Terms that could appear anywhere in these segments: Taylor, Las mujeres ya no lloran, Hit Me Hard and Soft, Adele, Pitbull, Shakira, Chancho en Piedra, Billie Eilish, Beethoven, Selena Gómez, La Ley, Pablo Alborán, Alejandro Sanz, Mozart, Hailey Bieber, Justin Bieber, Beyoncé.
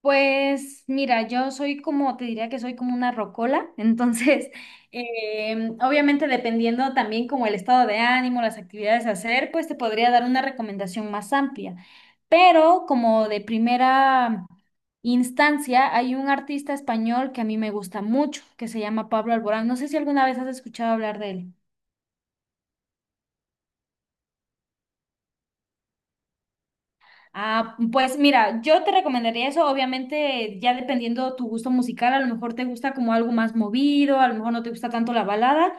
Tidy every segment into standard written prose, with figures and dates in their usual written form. Pues mira, yo soy como, te diría que soy como una rocola, entonces obviamente dependiendo también como el estado de ánimo, las actividades a hacer, pues te podría dar una recomendación más amplia. Pero como de primera instancia, hay un artista español que a mí me gusta mucho, que se llama Pablo Alborán. No sé si alguna vez has escuchado hablar de él. Ah, pues mira, yo te recomendaría eso, obviamente ya dependiendo tu gusto musical, a lo mejor te gusta como algo más movido, a lo mejor no te gusta tanto la balada,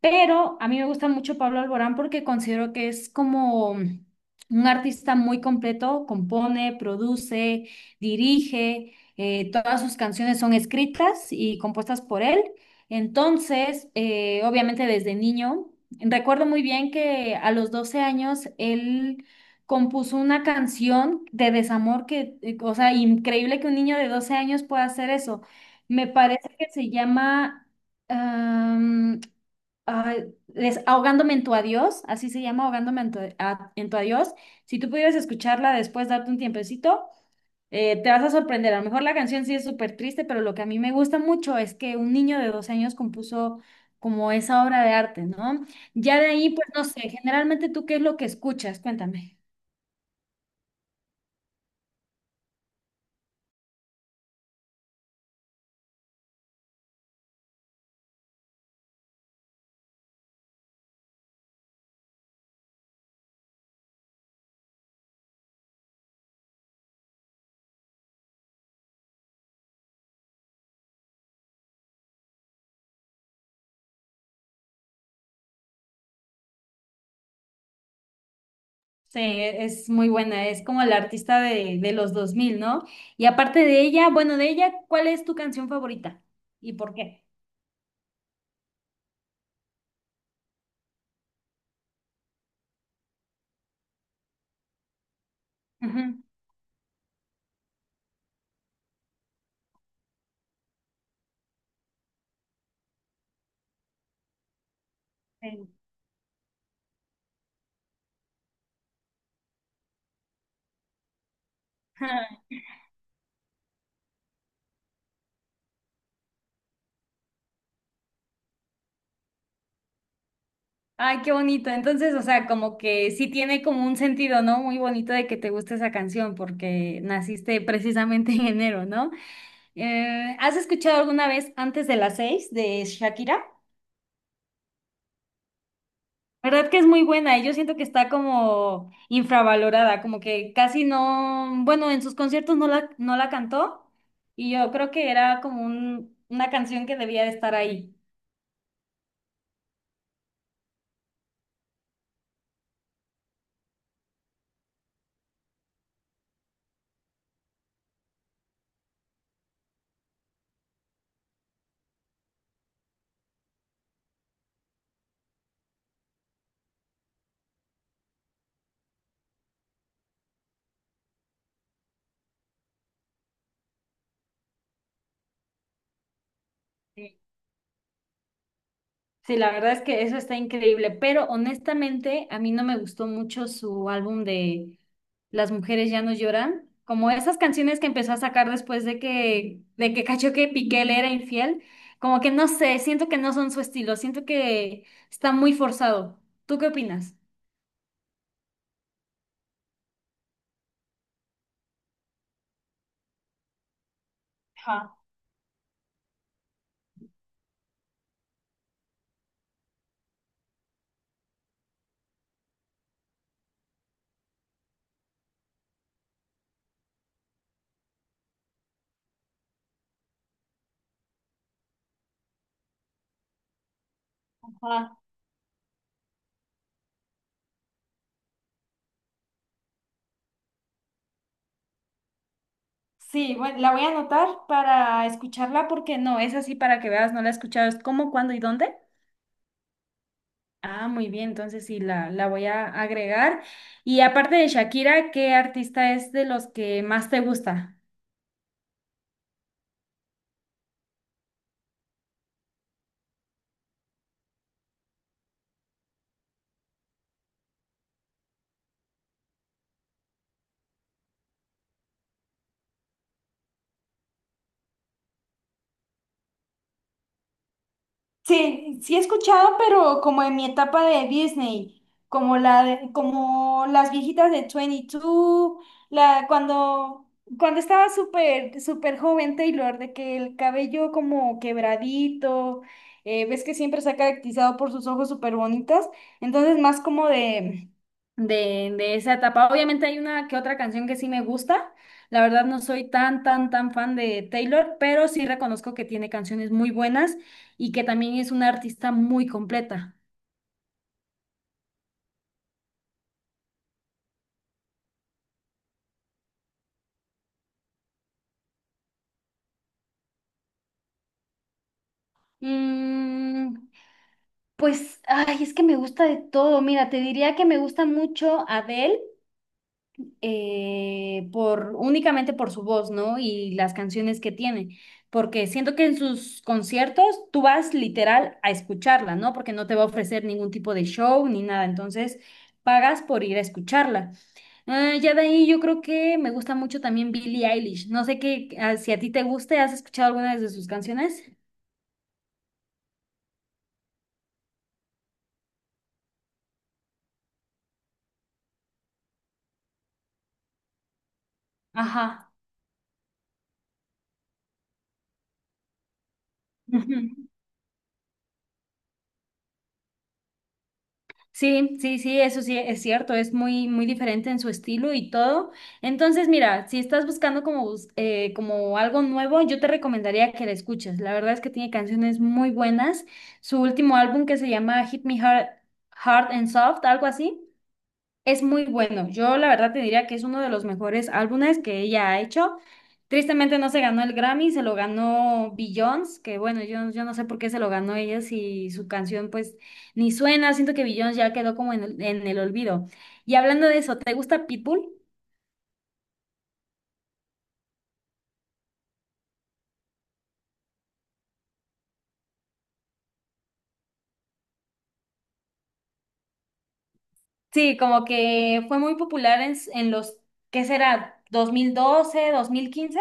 pero a mí me gusta mucho Pablo Alborán porque considero que es como un artista muy completo, compone, produce, dirige, todas sus canciones son escritas y compuestas por él. Entonces, obviamente desde niño, recuerdo muy bien que a los 12 años él compuso una canción de desamor que, o sea, increíble que un niño de 12 años pueda hacer eso. Me parece que se llama... Ay, ahogándome en tu adiós, así se llama, ahogándome en tu, en tu adiós. Si tú pudieras escucharla después, darte un tiempecito, te vas a sorprender. A lo mejor la canción sí es súper triste, pero lo que a mí me gusta mucho es que un niño de 12 años compuso como esa obra de arte, ¿no? Ya de ahí, pues no sé, generalmente tú qué es lo que escuchas, cuéntame. Sí, es muy buena, es como la artista de los dos mil, ¿no? Y aparte de ella, bueno, de ella, ¿cuál es tu canción favorita? ¿Y por qué? Ujú, sí. Ay, qué bonito. Entonces, o sea, como que sí tiene como un sentido, ¿no? Muy bonito de que te guste esa canción porque naciste precisamente en enero, ¿no? ¿Has escuchado alguna vez Antes de las seis de Shakira? ¿Verdad que es muy buena? Y yo siento que está como infravalorada, como que casi no, bueno, en sus conciertos no la cantó y yo creo que era como una canción que debía de estar ahí. Sí, la verdad es que eso está increíble, pero honestamente a mí no me gustó mucho su álbum de Las mujeres ya no lloran, como esas canciones que empezó a sacar después de que cachó que Piqué le era infiel, como que no sé, siento que no son su estilo, siento que está muy forzado. ¿Tú qué opinas? Ajá, ajá. Sí, bueno, la voy a anotar para escucharla porque no, es así para que veas, no la he escuchado, es cómo, cuándo y dónde. Ah, muy bien, entonces sí, la voy a agregar. Y aparte de Shakira, ¿qué artista es de los que más te gusta? Sí, sí he escuchado, pero como en mi etapa de Disney, como las viejitas de 22, la cuando cuando estaba súper súper joven Taylor, de que el cabello como quebradito, ves que siempre se ha caracterizado por sus ojos súper bonitas, entonces más como de esa etapa. Obviamente hay una que otra canción que sí me gusta. La verdad no soy tan tan tan fan de Taylor, pero sí reconozco que tiene canciones muy buenas y que también es una artista muy completa. Mm, pues, ay, es que me gusta de todo. Mira, te diría que me gusta mucho Adele. Por únicamente por su voz, ¿no? Y las canciones que tiene, porque siento que en sus conciertos tú vas literal a escucharla, ¿no? Porque no te va a ofrecer ningún tipo de show ni nada, entonces pagas por ir a escucharla. Ya de ahí yo creo que me gusta mucho también Billie Eilish. No sé qué, ah, si a ti te guste, ¿has escuchado alguna de sus canciones? Ajá. Sí, sí, sí, eso sí es cierto, es muy, muy diferente en su estilo y todo. Entonces, mira, si estás buscando como, como algo nuevo, yo te recomendaría que la escuches. La verdad es que tiene canciones muy buenas. Su último álbum que se llama Hit Me Hard, Hard and Soft, algo así. Es muy bueno. Yo la verdad te diría que es uno de los mejores álbumes que ella ha hecho. Tristemente no se ganó el Grammy, se lo ganó Beyoncé, que bueno, yo no sé por qué se lo ganó ella si su canción pues ni suena. Siento que Beyoncé ya quedó como en el olvido. Y hablando de eso, ¿te gusta Pitbull? Sí, como que fue muy popular en los, ¿qué será? Dos mil doce, 2015.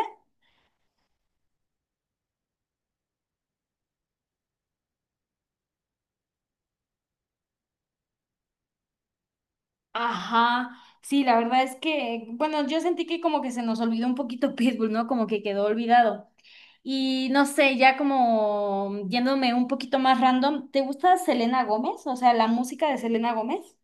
Ajá, sí, la verdad es que, bueno, yo sentí que como que se nos olvidó un poquito Pitbull, ¿no? Como que quedó olvidado. Y no sé, ya como yéndome un poquito más random, ¿te gusta Selena Gómez? O sea, la música de Selena Gómez.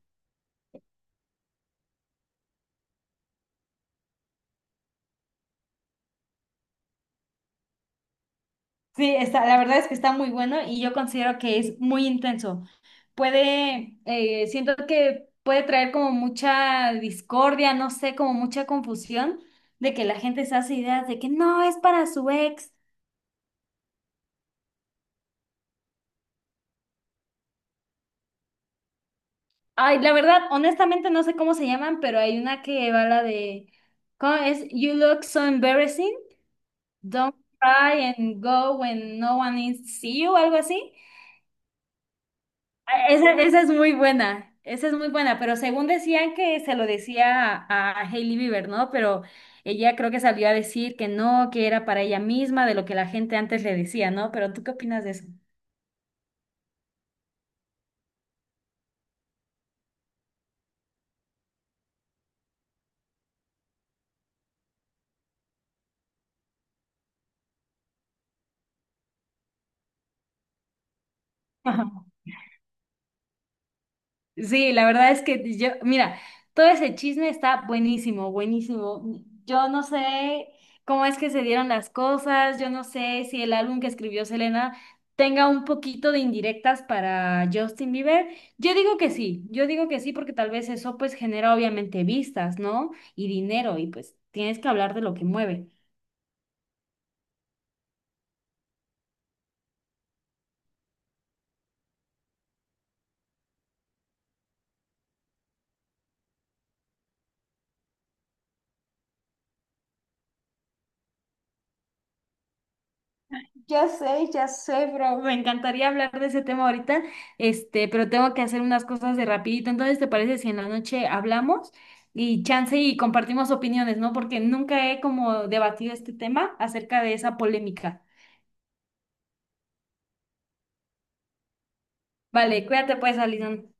Sí, está, la verdad es que está muy bueno y yo considero que es muy intenso. Puede, siento que puede traer como mucha discordia, no sé, como mucha confusión de que la gente se hace ideas de que no es para su ex. Ay, la verdad, honestamente no sé cómo se llaman, pero hay una que va la de, ¿cómo es? You look so embarrassing, don't cry and go when no one is see you, algo así. Ah, esa, esa es muy buena, esa es muy buena, pero según decían que se lo decía a Hailey Bieber, ¿no? Pero ella creo que salió a decir que no, que era para ella misma, de lo que la gente antes le decía, ¿no? Pero ¿tú qué opinas de eso? Sí, la verdad es que yo, mira, todo ese chisme está buenísimo, buenísimo. Yo no sé cómo es que se dieron las cosas, yo no sé si el álbum que escribió Selena tenga un poquito de indirectas para Justin Bieber. Yo digo que sí, yo digo que sí porque tal vez eso pues genera obviamente vistas, ¿no? Y dinero y pues tienes que hablar de lo que mueve. Ya sé, bro. Me encantaría hablar de ese tema ahorita, este, pero tengo que hacer unas cosas de rapidito. Entonces, ¿te parece si en la noche hablamos y chance y compartimos opiniones, ¿no? Porque nunca he como debatido este tema acerca de esa polémica. Vale, cuídate pues, Alison.